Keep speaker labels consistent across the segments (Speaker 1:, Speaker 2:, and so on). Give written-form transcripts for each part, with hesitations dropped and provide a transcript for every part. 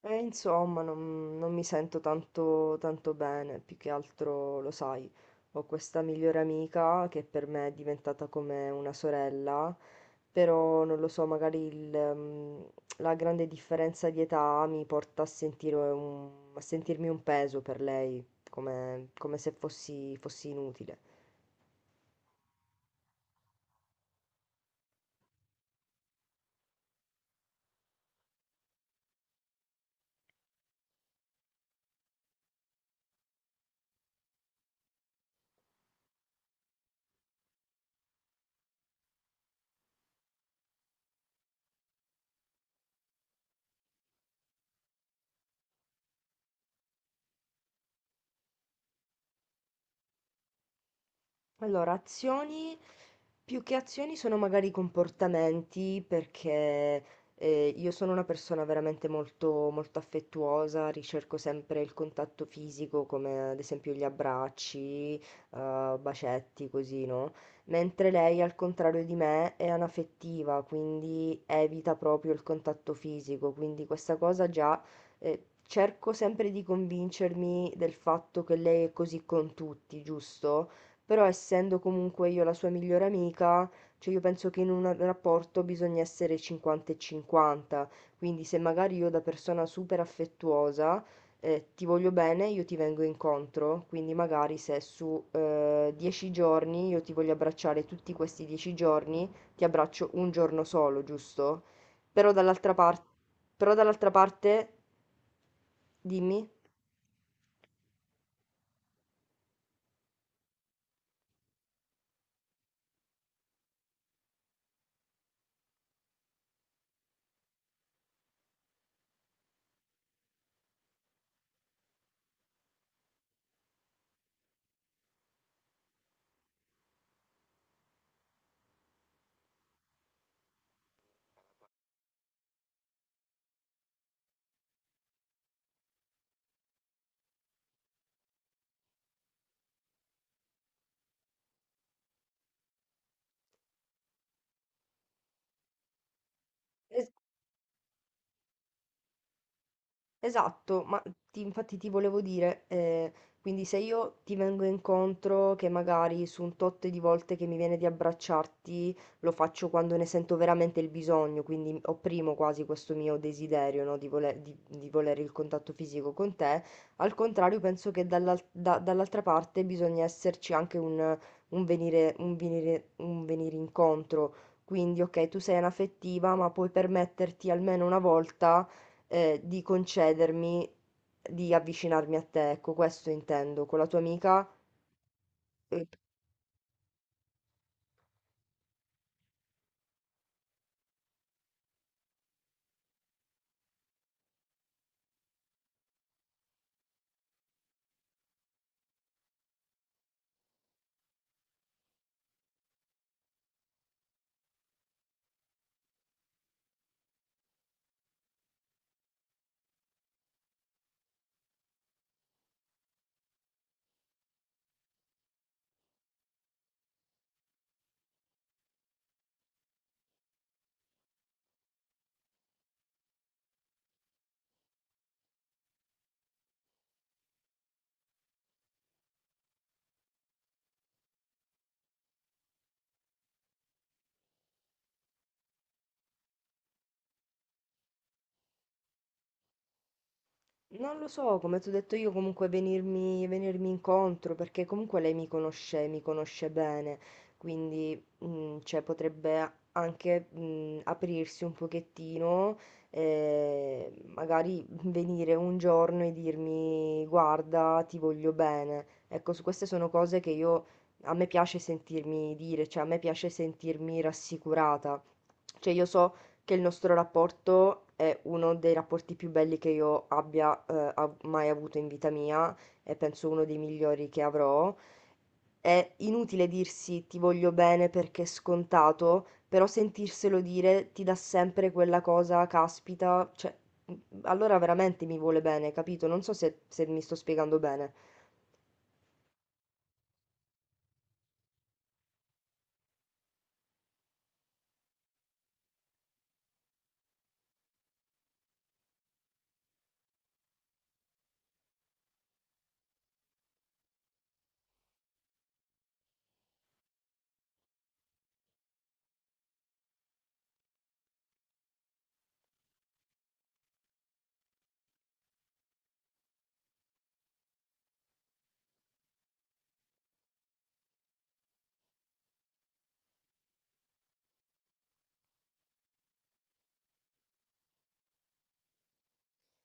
Speaker 1: E insomma, non mi sento tanto bene, più che altro lo sai, ho questa migliore amica che per me è diventata come una sorella, però non lo so, mm, la grande differenza di età mi porta a a sentirmi un peso per lei, come, come se fossi inutile. Allora, azioni, più che azioni sono magari comportamenti, perché io sono una persona veramente molto, molto affettuosa, ricerco sempre il contatto fisico, come ad esempio gli abbracci, bacetti, così, no? Mentre lei, al contrario di me, è anaffettiva, quindi evita proprio il contatto fisico, quindi questa cosa già... eh, cerco sempre di convincermi del fatto che lei è così con tutti, giusto? Però essendo comunque io la sua migliore amica, cioè io penso che in un rapporto bisogna essere 50 e 50, quindi se magari io da persona super affettuosa ti voglio bene, io ti vengo incontro, quindi magari se su 10 giorni io ti voglio abbracciare tutti questi 10 giorni, ti abbraccio un giorno solo, giusto? Però dall'altra parte, però dall'altra parte, dimmi. Esatto, ma infatti ti volevo dire, quindi se io ti vengo incontro, che magari su un tot di volte che mi viene di abbracciarti, lo faccio quando ne sento veramente il bisogno, quindi opprimo quasi questo mio desiderio, no, di volere il contatto fisico con te, al contrario penso che dall'altra parte bisogna esserci anche un, un venire incontro, quindi ok, tu sei anaffettiva, ma puoi permetterti almeno una volta di concedermi di avvicinarmi a te, ecco, questo intendo, con la tua amica, eh, non lo so, come ti ho detto io, comunque venirmi incontro, perché comunque lei mi conosce bene, quindi cioè, potrebbe anche aprirsi un pochettino, magari venire un giorno e dirmi guarda, ti voglio bene. Ecco, su queste sono cose che io, a me piace sentirmi dire, cioè a me piace sentirmi rassicurata. Cioè io so che il nostro rapporto è uno dei rapporti più belli che io abbia mai avuto in vita mia e penso uno dei migliori che avrò. È inutile dirsi ti voglio bene perché è scontato, però sentirselo dire ti dà sempre quella cosa, caspita, cioè, allora veramente mi vuole bene, capito? Non so se mi sto spiegando bene.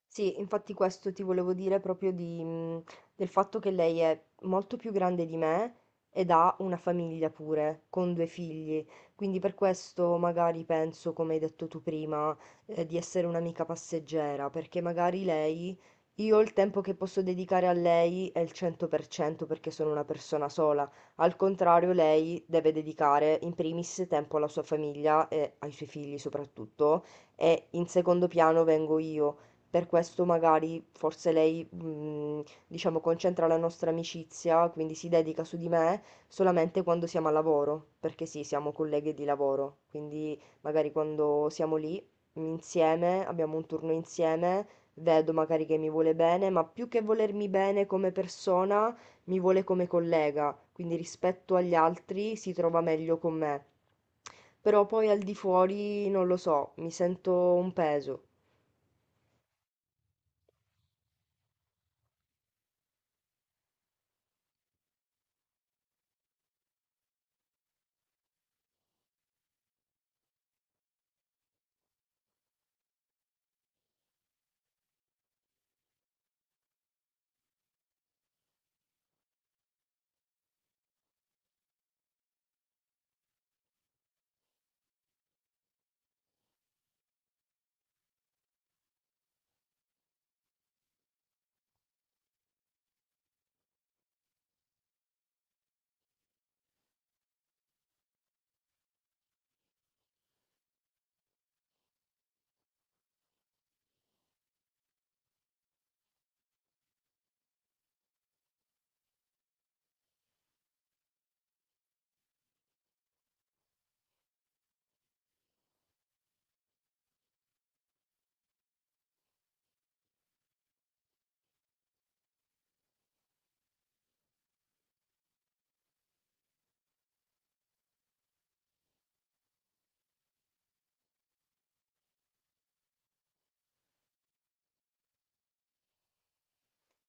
Speaker 1: Sì, infatti questo ti volevo dire proprio di, del fatto che lei è molto più grande di me ed ha una famiglia pure, con due figli. Quindi per questo magari penso, come hai detto tu prima, di essere un'amica passeggera, perché magari lei, io il tempo che posso dedicare a lei è il 100% perché sono una persona sola. Al contrario, lei deve dedicare in primis tempo alla sua famiglia e ai suoi figli soprattutto, e in secondo piano vengo io. Per questo magari forse lei, diciamo, concentra la nostra amicizia, quindi si dedica su di me solamente quando siamo al lavoro, perché sì, siamo colleghe di lavoro, quindi magari quando siamo lì insieme, abbiamo un turno insieme, vedo magari che mi vuole bene, ma più che volermi bene come persona, mi vuole come collega, quindi rispetto agli altri si trova meglio con me. Però poi al di fuori, non lo so, mi sento un peso.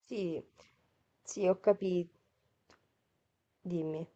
Speaker 1: Sì, sì, ho capito. Dimmi.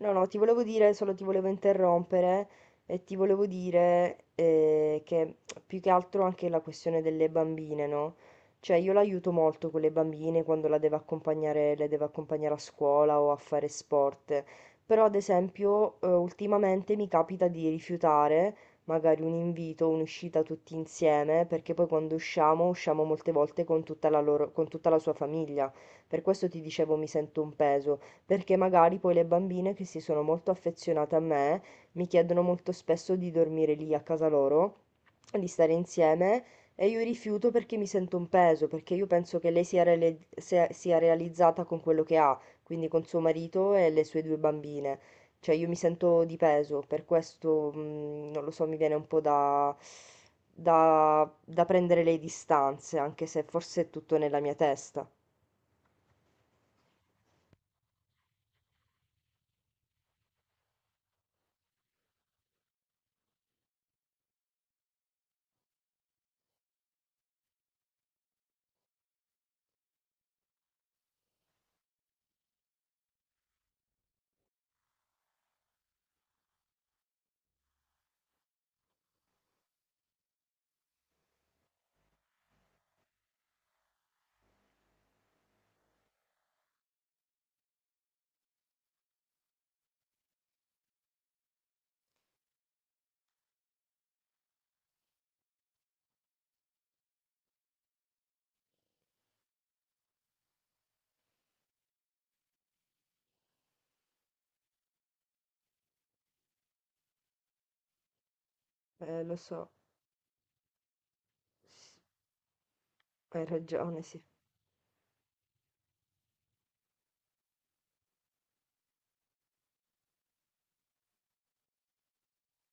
Speaker 1: No, no, ti volevo dire, solo ti volevo interrompere e ti volevo dire che più che altro anche la questione delle bambine, no? Cioè io l'aiuto molto con le bambine quando le devo accompagnare a scuola o a fare sport, però ad esempio ultimamente mi capita di rifiutare magari un invito, un'uscita tutti insieme, perché poi quando usciamo, usciamo molte volte con con tutta la sua famiglia. Per questo ti dicevo mi sento un peso perché magari poi le bambine che si sono molto affezionate a me mi chiedono molto spesso di dormire lì a casa loro, di stare insieme e io rifiuto perché mi sento un peso, perché io penso che lei sia realizzata con quello che ha, quindi con suo marito e le sue due bambine. Cioè io mi sento di peso, per questo non lo so, mi viene un po' da prendere le distanze, anche se forse è tutto nella mia testa. Lo so, hai ragione, sì.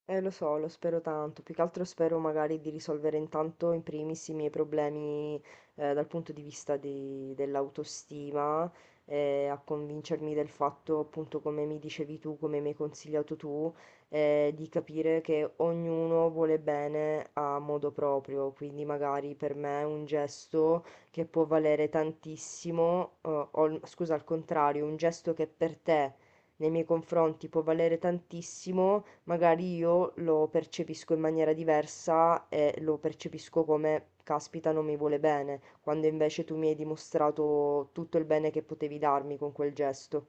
Speaker 1: Lo so, lo spero tanto. Più che altro spero magari di risolvere intanto in primis i miei problemi dal punto di vista dell'autostima, a convincermi del fatto, appunto, come mi dicevi tu, come mi hai consigliato tu, di capire che ognuno vuole bene a modo proprio. Quindi magari per me un gesto che può valere tantissimo, scusa, al contrario, un gesto che per te nei miei confronti può valere tantissimo magari io lo percepisco in maniera diversa e lo percepisco come caspita non mi vuole bene, quando invece tu mi hai dimostrato tutto il bene che potevi darmi con quel gesto.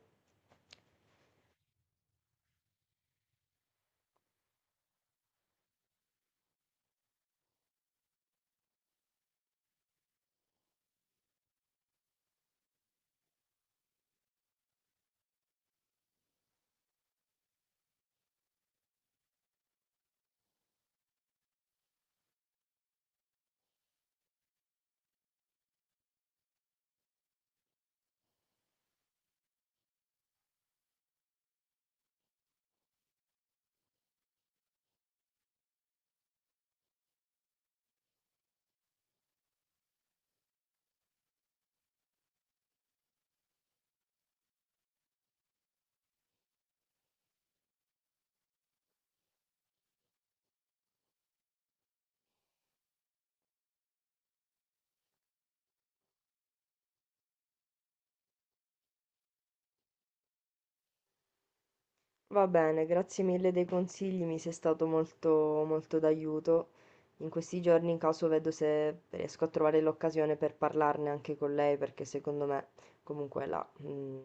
Speaker 1: Va bene, grazie mille dei consigli, mi sei stato molto, molto d'aiuto. In questi giorni, in caso, vedo se riesco a trovare l'occasione per parlarne anche con lei, perché secondo me, comunque,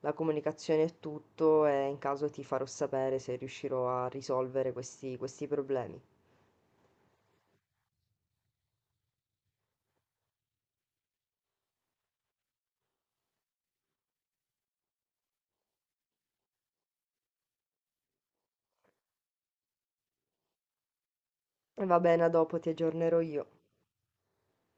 Speaker 1: la comunicazione è tutto e in caso ti farò sapere se riuscirò a risolvere questi problemi. E va bene, a dopo ti aggiornerò io.